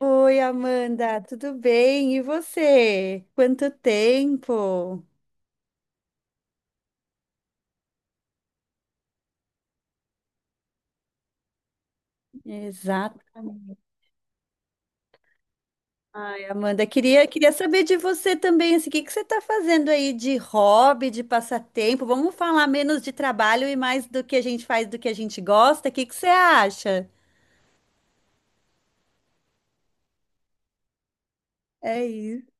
Oi, Amanda, tudo bem? E você? Quanto tempo? Exatamente. Ai, Amanda, queria saber de você também, assim, o que que você está fazendo aí de hobby, de passatempo? Vamos falar menos de trabalho e mais do que a gente faz, do que a gente gosta? O que que você acha? É isso.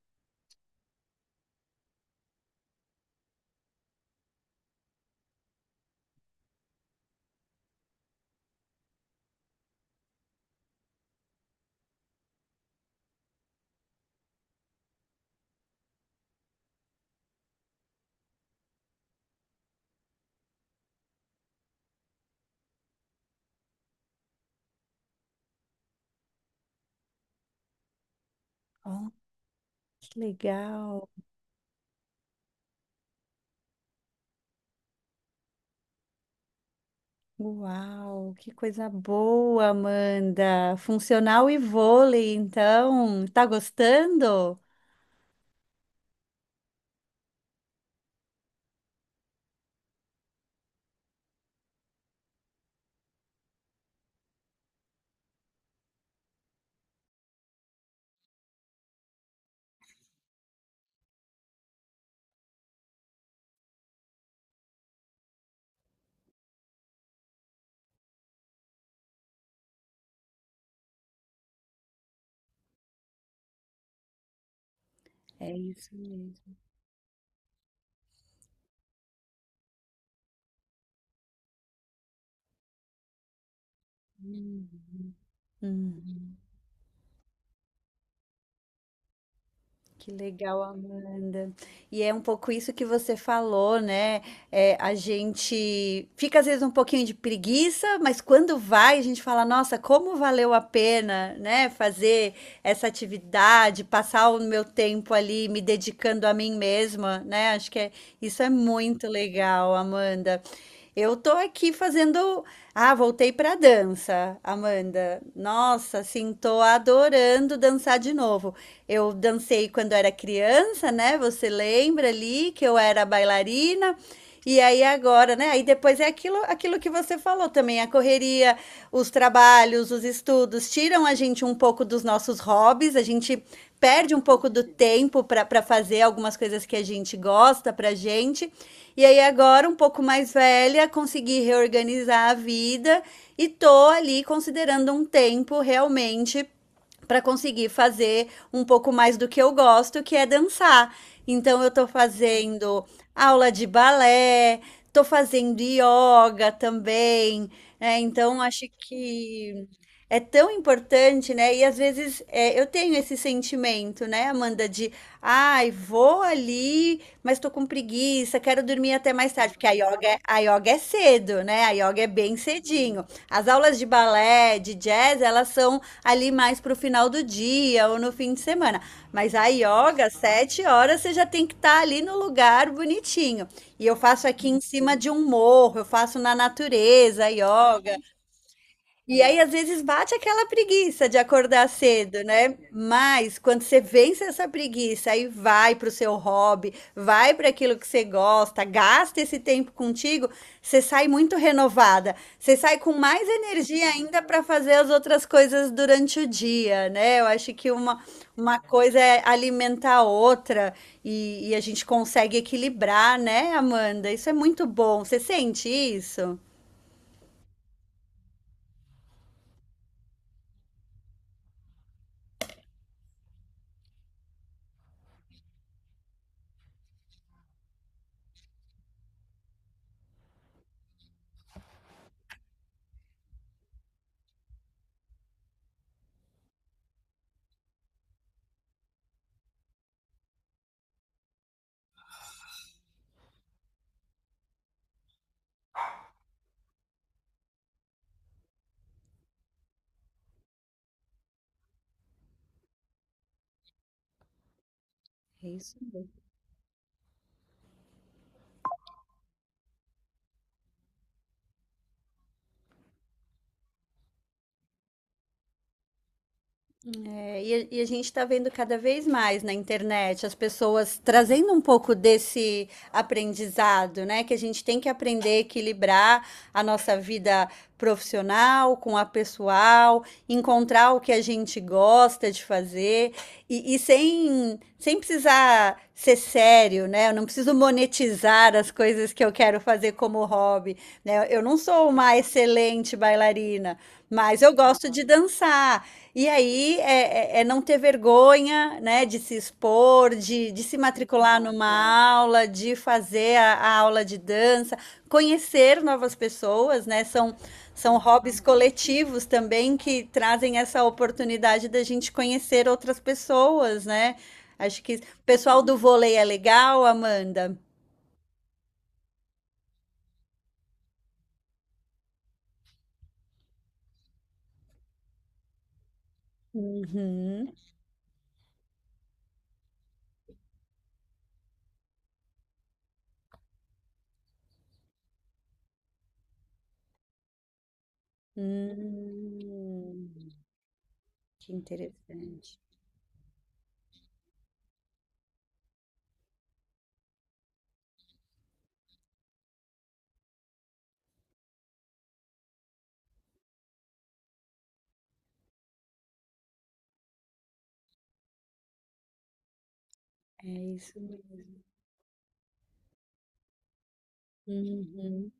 Oh, que legal. Uau, que coisa boa, Amanda. Funcional e vôlei, então. Tá gostando? É isso mesmo. Uhum. Hum. Que legal, Amanda. E é um pouco isso que você falou, né? É, a gente fica às vezes um pouquinho de preguiça, mas quando vai, a gente fala, nossa, como valeu a pena, né? Fazer essa atividade, passar o meu tempo ali me dedicando a mim mesma, né? Acho isso é muito legal, Amanda. Eu tô aqui fazendo. Ah, voltei pra dança, Amanda. Nossa, assim, tô adorando dançar de novo. Eu dancei quando era criança, né? Você lembra ali que eu era bailarina? E aí agora, né? Aí depois é aquilo, aquilo que você falou também, a correria, os trabalhos, os estudos tiram a gente um pouco dos nossos hobbies, a gente perde um pouco do tempo para fazer algumas coisas que a gente gosta pra gente. E aí agora, um pouco mais velha, consegui reorganizar a vida e tô ali considerando um tempo realmente para conseguir fazer um pouco mais do que eu gosto, que é dançar. Então eu tô fazendo aula de balé, tô fazendo yoga também, né, então acho que é tão importante, né? E às vezes eu tenho esse sentimento, né, Amanda, de ai, vou ali, mas tô com preguiça, quero dormir até mais tarde, porque a yoga, a yoga é cedo, né? A yoga é bem cedinho. As aulas de balé, de jazz, elas são ali mais pro final do dia ou no fim de semana. Mas a yoga, 7 horas, você já tem que estar ali no lugar bonitinho. E eu faço aqui em cima de um morro, eu faço na natureza, yoga. E aí, às vezes, bate aquela preguiça de acordar cedo, né? Mas quando você vence essa preguiça, aí vai para o seu hobby, vai para aquilo que você gosta, gasta esse tempo contigo, você sai muito renovada. Você sai com mais energia ainda para fazer as outras coisas durante o dia, né? Eu acho que uma coisa é alimentar a outra e a gente consegue equilibrar, né, Amanda? Isso é muito bom. Você sente isso? É isso. É, e a gente está vendo cada vez mais na internet as pessoas trazendo um pouco desse aprendizado, né? Que a gente tem que aprender a equilibrar a nossa vida profissional com a pessoal, encontrar o que a gente gosta de fazer e sem precisar ser sério, né? Eu não preciso monetizar as coisas que eu quero fazer como hobby, né? Eu não sou uma excelente bailarina, mas eu gosto de dançar. E aí é não ter vergonha, né, de se expor, de se matricular numa aula, de fazer a aula de dança, conhecer novas pessoas, né? São, são hobbies coletivos também que trazem essa oportunidade da gente conhecer outras pessoas, né? Acho que o pessoal do vôlei é legal, Amanda. Uhum. Hum, que interessante. É isso mesmo. Uhum,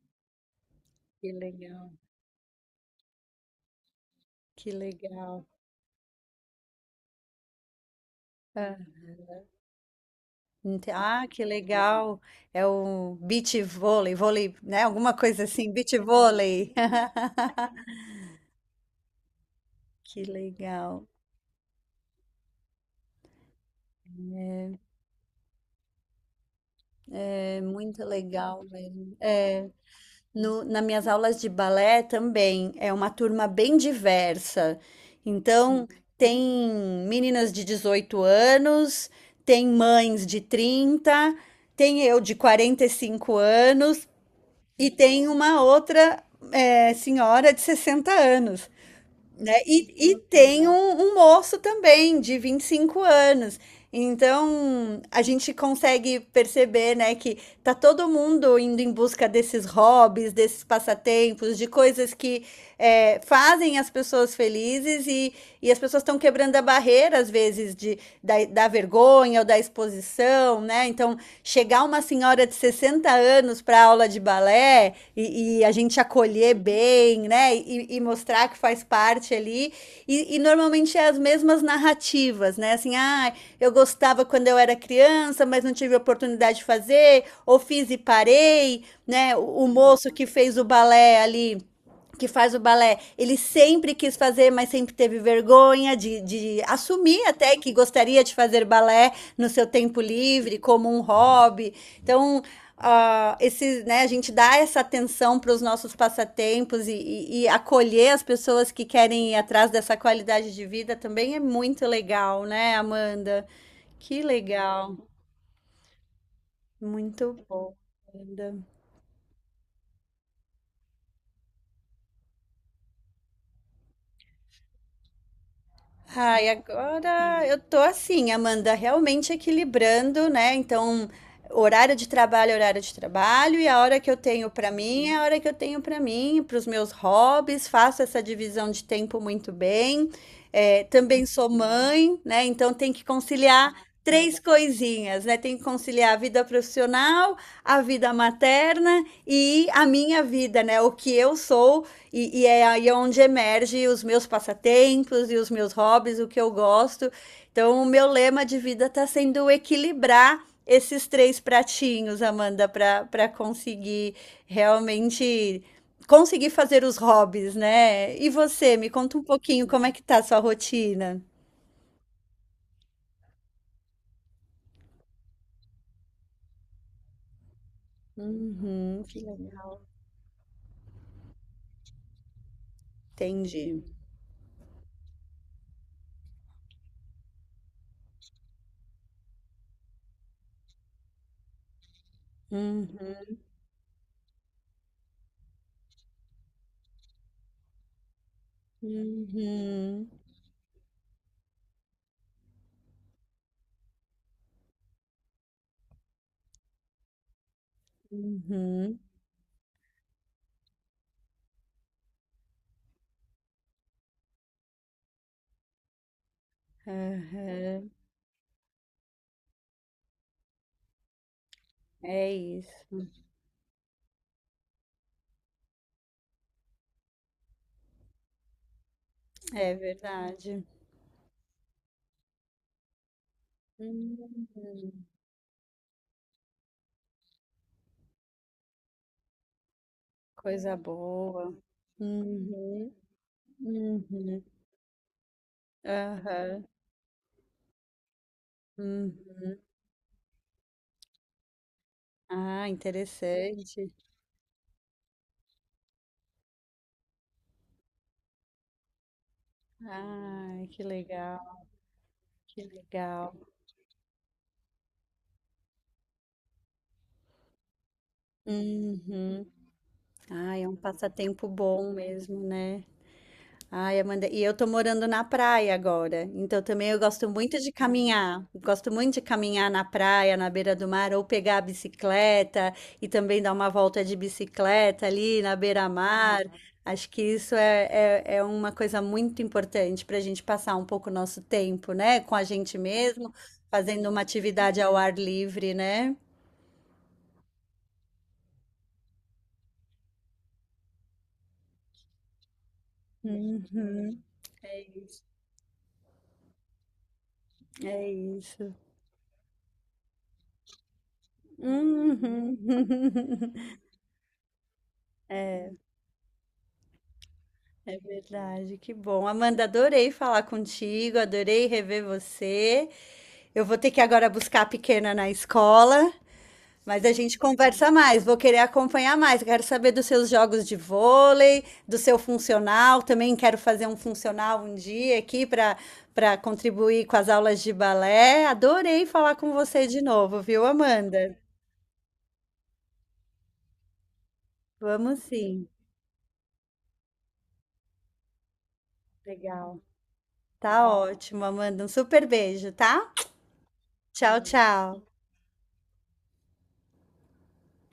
que legal. Que legal. Hã. Ente ah, que legal. É o vôlei, né, alguma coisa assim, beach vôlei. Que legal. É muito legal mesmo. É, no na minhas aulas de balé também, é uma turma bem diversa. Então, uhum, tem meninas de 18 anos, tem mães de 30, tem eu de 45 anos, e tem uma outra senhora de 60 anos, né? E tem um moço também de 25 anos. Então, a gente consegue perceber, né, que tá todo mundo indo em busca desses hobbies, desses passatempos, de coisas que fazem as pessoas felizes e as pessoas estão quebrando a barreira, às vezes, da vergonha ou da exposição, né? Então, chegar uma senhora de 60 anos para aula de balé e a gente acolher bem, né? E mostrar que faz parte ali. E normalmente é as mesmas narrativas, né? Assim, ah, eu gostava quando eu era criança, mas não tive oportunidade de fazer, ou fiz e parei, né? O moço que fez o balé ali que faz o balé, ele sempre quis fazer, mas sempre teve vergonha de assumir até que gostaria de fazer balé no seu tempo livre, como um hobby. Então, esse, né, a gente dá essa atenção para os nossos passatempos e acolher as pessoas que querem ir atrás dessa qualidade de vida também é muito legal, né, Amanda? Que legal. Muito bom, Amanda. Ai, agora eu tô assim, Amanda, realmente equilibrando, né? Então, horário de trabalho, é horário de trabalho, e a hora que eu tenho pra mim é a hora que eu tenho pra mim, para os meus hobbies, faço essa divisão de tempo muito bem. É, também sou mãe, né? Então tem que conciliar três coisinhas, né? Tem que conciliar a vida profissional, a vida materna e a minha vida, né? O que eu sou e é aí onde emerge os meus passatempos e os meus hobbies, o que eu gosto. Então, o meu lema de vida está sendo equilibrar esses três pratinhos, Amanda, para conseguir realmente conseguir fazer os hobbies, né? E você, me conta um pouquinho como é que tá a sua rotina? Uhum, que legal. Entendi. Uhum, uhum, uhum, aham. É isso. É verdade. Hum, coisa boa. Uhum, uhum, aham, hum. Ah, interessante. Ai, que legal, que legal. Uhum. Ah, é um passatempo bom mesmo, né? Ai, Amanda, e eu tô morando na praia agora, então também eu gosto muito de caminhar. Gosto muito de caminhar na praia, na beira do mar, ou pegar a bicicleta e também dar uma volta de bicicleta ali na beira-mar. Acho que isso é uma coisa muito importante para a gente passar um pouco o nosso tempo, né? Com a gente mesmo, fazendo uma atividade ao ar livre, né? Uhum, é isso. Uhum. É verdade, que bom. Amanda, adorei falar contigo, adorei rever você. Eu vou ter que agora buscar a pequena na escola, mas a gente conversa mais. Vou querer acompanhar mais. Quero saber dos seus jogos de vôlei, do seu funcional. Também quero fazer um funcional um dia aqui para contribuir com as aulas de balé. Adorei falar com você de novo, viu, Amanda? Vamos sim. Legal. Tá ótimo, Amanda. Um super beijo, tá? Tchau, tchau.